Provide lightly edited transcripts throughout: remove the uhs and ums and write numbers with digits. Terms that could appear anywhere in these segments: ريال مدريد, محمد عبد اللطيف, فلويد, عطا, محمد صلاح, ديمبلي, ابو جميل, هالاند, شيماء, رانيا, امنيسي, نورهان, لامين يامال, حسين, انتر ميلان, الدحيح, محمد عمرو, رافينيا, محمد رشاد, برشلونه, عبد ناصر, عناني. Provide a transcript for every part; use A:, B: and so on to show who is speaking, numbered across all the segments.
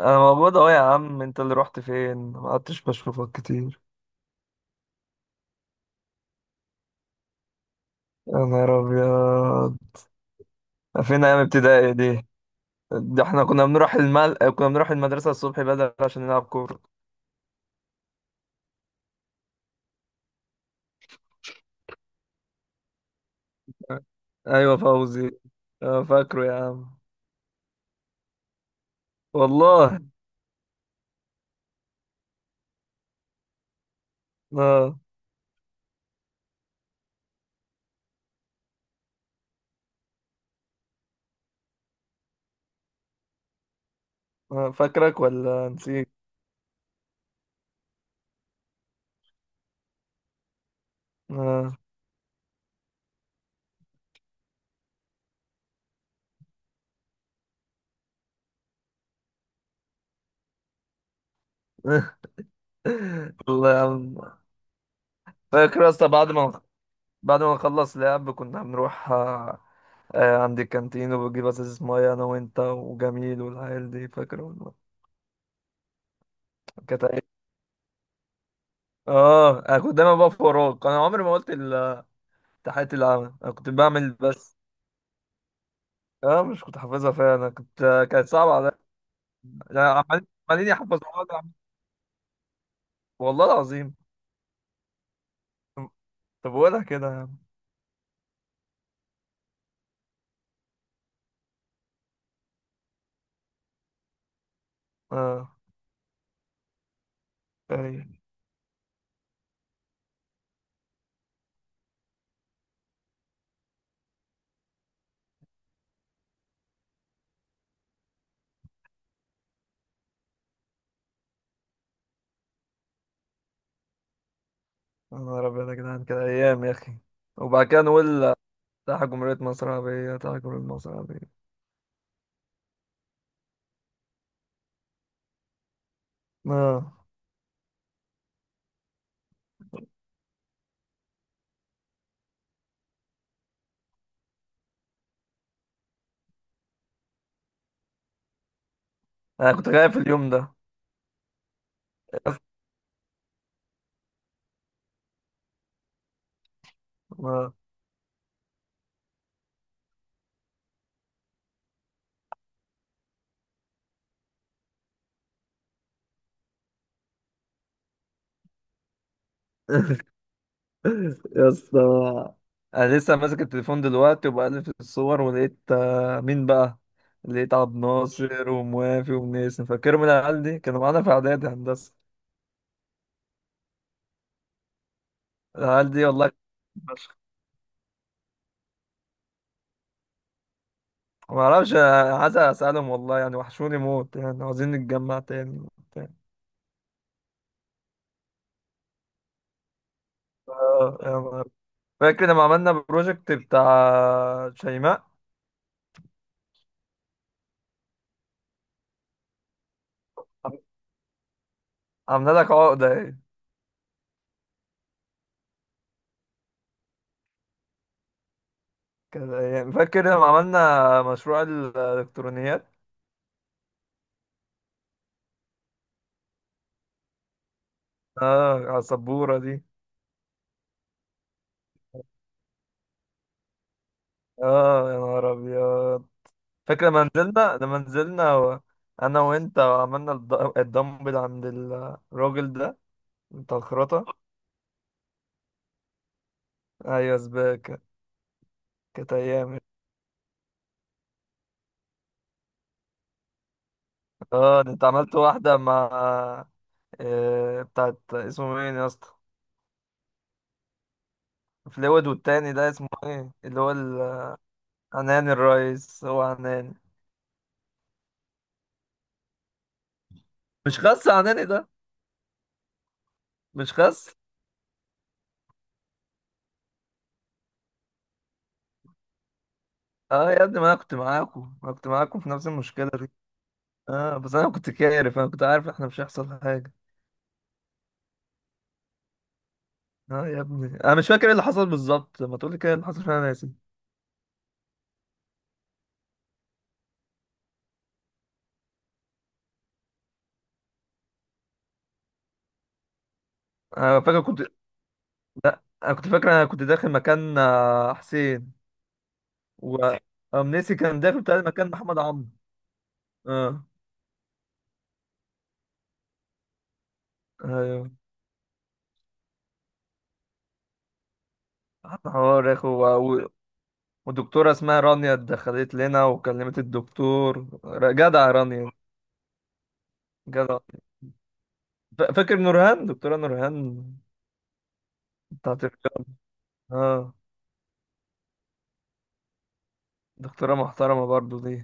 A: انا موجود اهو يا عم، انت اللي رحت فين؟ ما قعدتش بشوفك كتير. يا نهار ابيض، فين ايام ابتدائي دي؟ ده احنا كنا بنروح المدرسة الصبح بدري عشان نلعب كورة. ايوه فوزي. آه، فاكره يا عم. والله. اه. آه، فاكرك ولا نسيت. اه. والله يا عم. فاكر يا اسطى بعد ما نخلص لعب كنا بنروح عند الكانتين وبجيب ازازة مية انا وانت وجميل والعيال دي، فاكر والله. كانت اه انا كنت دايما بقف وراك، انا عمري ما قلت تحية العامة، انا كنت بعمل بس. اه، مش كنت حافظها فعلا، انا كنت، كانت صعبة عليا. يعني عمالين عمالين يحفظوها لي. والله العظيم. طب ولا كده يا عم. اه. اي. يا نهار ابيض يا جدعان، كده ايام يا اخي. وبعد كده نقول: تحت جمهورية مصر العربية، تحت جمهورية مصر العربية. اه، انا كنت خايف اليوم ده. اه. يا اسطى، انا لسه ماسك التليفون دلوقتي وبقلب في الصور، ولقيت مين بقى؟ لقيت عبد ناصر وموافي ونيسن، فاكرهم؟ العيال دي كانوا معانا في اعدادي هندسه. العيال دي والله. ما اعرفش، أنا عايز اسالهم والله يعني، وحشوني موت يعني، عاوزين نتجمع تاني وبتاع. آه، يا نهار. فاكر لما عملنا بروجكت بتاع شيماء؟ عم- عملنا لك عقده ايه؟ يعني فاكر لما عملنا مشروع الالكترونيات؟ اه، على السبوره دي. اه يا نهار ابيض. فاكر لما نزلنا، انا وانت، وعملنا الدمبل عند الراجل ده بتاع الخراطه. ايوه سباكه. كانت ايام. اه، ده انت عملت واحده مع، بتاعت اسمه مين يا اسطى؟ فلويد، والتاني ده اسمه ايه، اللي هو عناني. الرئيس هو عناني. مش خاص عناني ده. مش خاص. اه يا ابني، ما أنا كنت معاكم في نفس المشكله دي. اه بس انا كنت عارف احنا مش هيحصل حاجه. اه يا ابني، انا مش فاكر ايه اللي حصل بالظبط، ما تقول لي كده إيه اللي حصل عشان انا ناسي. انا فاكر كنت، انا كنت فاكر انا كنت داخل مكان حسين، و امنيسي كان داخل بتاع مكان محمد عمرو. اه. ايوه. حوار يا اخو ودكتوره اسمها رانيا دخلت لنا، وكلمت الدكتور جدع رانيا. جدع. فاكر نورهان، دكتوره نورهان بتاعت الرياضة. اه. دكتوره محترمه برضو دي.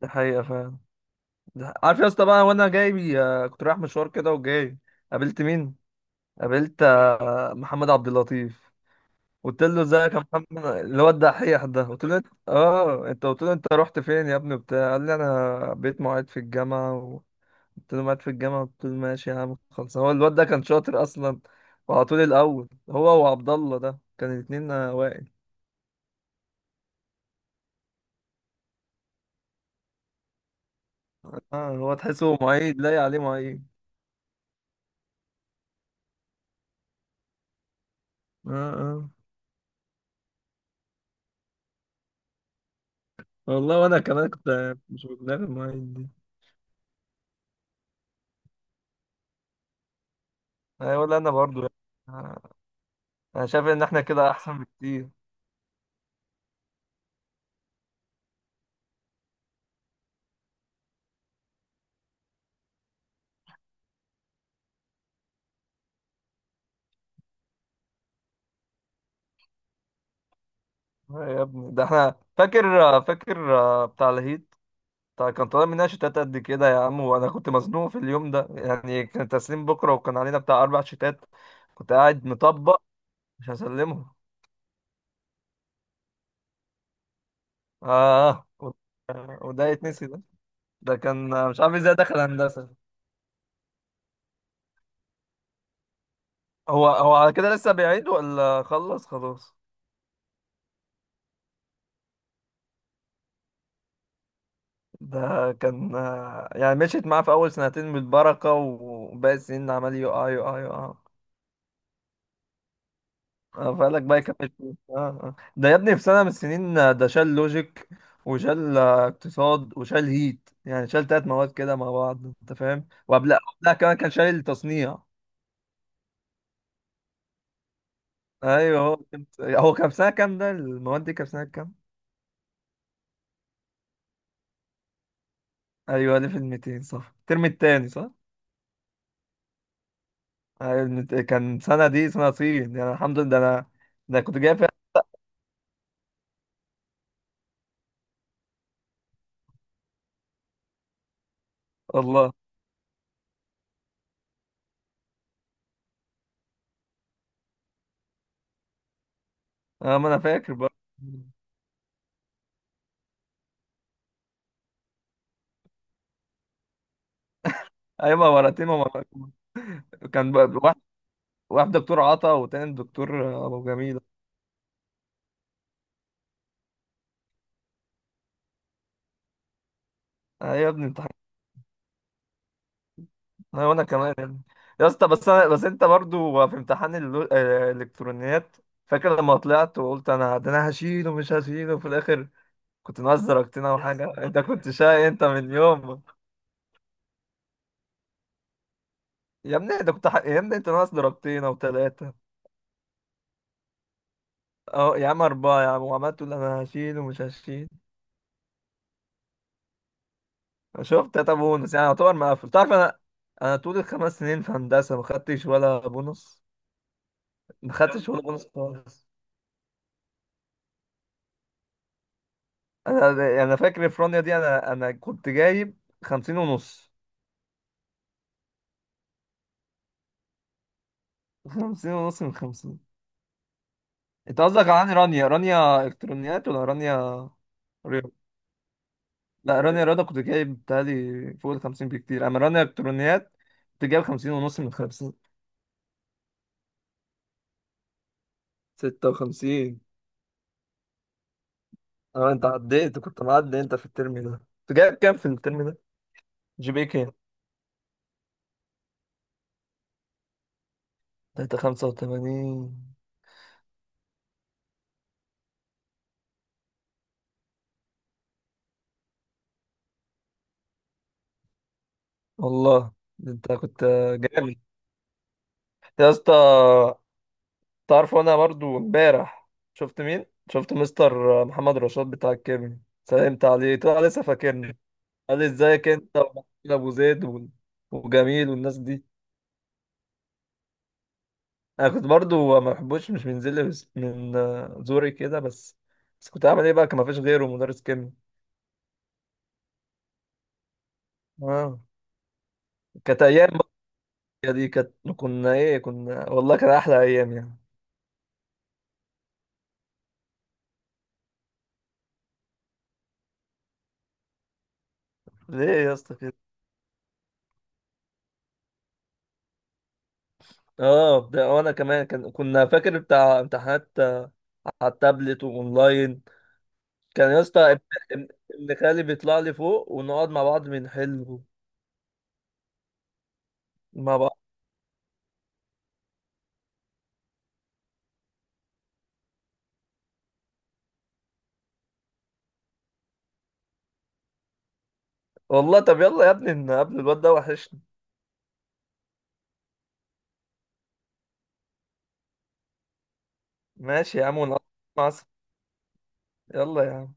A: دي حقيقه فعلا. عارف يا اسطى؟ بقى وانا جاي كنت رايح مشوار كده وجاي، قابلت مين؟ قابلت محمد عبد اللطيف. قلت له ازيك يا محمد، اللي هو الدحيح ده، قلت له انت، قلت له انت رحت فين يا ابني بتاع قال لي انا بقيت معيد في الجامعه قلت له معيد في الجامعه؟ قلت له ماشي يا عم خلص، هو الواد ده كان شاطر اصلا وعلى طول، الاول هو وعبد الله ده كان الاثنين واقف. اه، هو تحسه معيد، لاقي عليه معيد. اه. اه والله، وانا كمان كنت مش بدماغي المعيد دي. ايوه لا انا برضو، آه، انا شايف ان احنا كده احسن بكتير. يا ابني ده احنا فاكر بتاع الهيت، بتاع كان طالع مننا شتات قد كده يا عم. وانا كنت مزنوق في اليوم ده، يعني كان تسليم بكره، وكان علينا بتاع اربع شتات، كنت قاعد مطبق، مش هسلمهم. اه. وده يتنسي ده؟ ده كان مش عارف ازاي دخل هندسه. هو، هو على كده لسه بيعيد ولا خلص خلاص؟ ده كان، يعني مشيت معاه في اول سنتين بالبركه، وباقي السنين عمال يقع يقع يقع. اه، فقالك بقى يكمل فلوس. اه ده يا ابني في سنة من السنين، ده شال لوجيك، وشال اقتصاد، وشال هيت، يعني شال تلات مواد كده مع بعض انت فاهم. وقبلها كمان كان شال التصنيع. ايوه، هو كام سنة كام؟ ده المواد دي كام سنة كام؟ ايوه، 1200، صح؟ الترم التاني، صح؟ ايوه، كان سنة دي سنة صين يعني، الحمد لله. ده انا، ده كنت جايب فيها والله. اه، ما انا فاكر بقى. ايوه ورقتين. كان بقى واحد، واحد دكتور عطا، وتاني دكتور ابو جميل. آه يا ابني، امتحان. آه، وانا كمان يا ابني. يا اسطى بس انت برضو في امتحان الالكترونيات، فاكر لما طلعت وقلت انا ده، انا هشيله مش هشيله في الاخر، كنت ناقص درجتين او حاجه؟ انت كنت شقي انت من يوم. يا ابني، يا ابني انت ناقص درجتين او ثلاثه. اه يا عم، اربعه يا عم، وعمال تقول انا هشيله مش هشيل. شفت؟ تلاته بونص، يعني يعتبر مقفل. تعرف انا طول الخمس سنين في هندسه ما خدتش ولا بونص. ما يا خدتش ولا بونص خالص. انا فاكر الفرونيا دي، انا كنت جايب خمسين ونص. خمسين ونص من خمسين. انت قصدك عن رانيا؟ رانيا الكترونيات ولا رانيا رياضة؟ لا، رانيا رياضة كنت جايب بتهيألي فوق الخمسين بكتير. اما رانيا الكترونيات، كنت جايب خمسين ونص من خمسين. ستة وخمسين. اه، انت عديت، كنت معدي انت في الترم ده. كنت جايب كام في الترم ده؟ GPA كام؟ 3.85. والله، ده انت كنت جامد. يا اسطى، تعرف انا برضو امبارح شفت مين؟ شفت مستر محمد رشاد بتاع الكيمياء، سلمت عليه، طلع لسه فاكرني. قال لي ازيك انت، ومحمود ابو زيد وجميل والناس دي. انا كنت برضو ما بحبوش، مش من زلي من زوري كده بس. بس كنت اعمل ايه بقى، كان ما فيش غيره مدرس كيمياء. اه. كانت ايام. بقى دي كانت، كنا ايه، كنا والله كان احلى ايام يعني. ليه يا اسطى كده؟ اه، ده وانا كمان كنا فاكر بتاع امتحانات على التابلت واونلاين. كان يا اسطى ابن، ابن خالي بيطلع لي فوق، ونقعد مع بعض بنحل مع بعض. والله؟ طب يلا يا ابني نقابل الواد ده، وحشني. ماشي يا عم، ونقعد مع، يلا يا عم.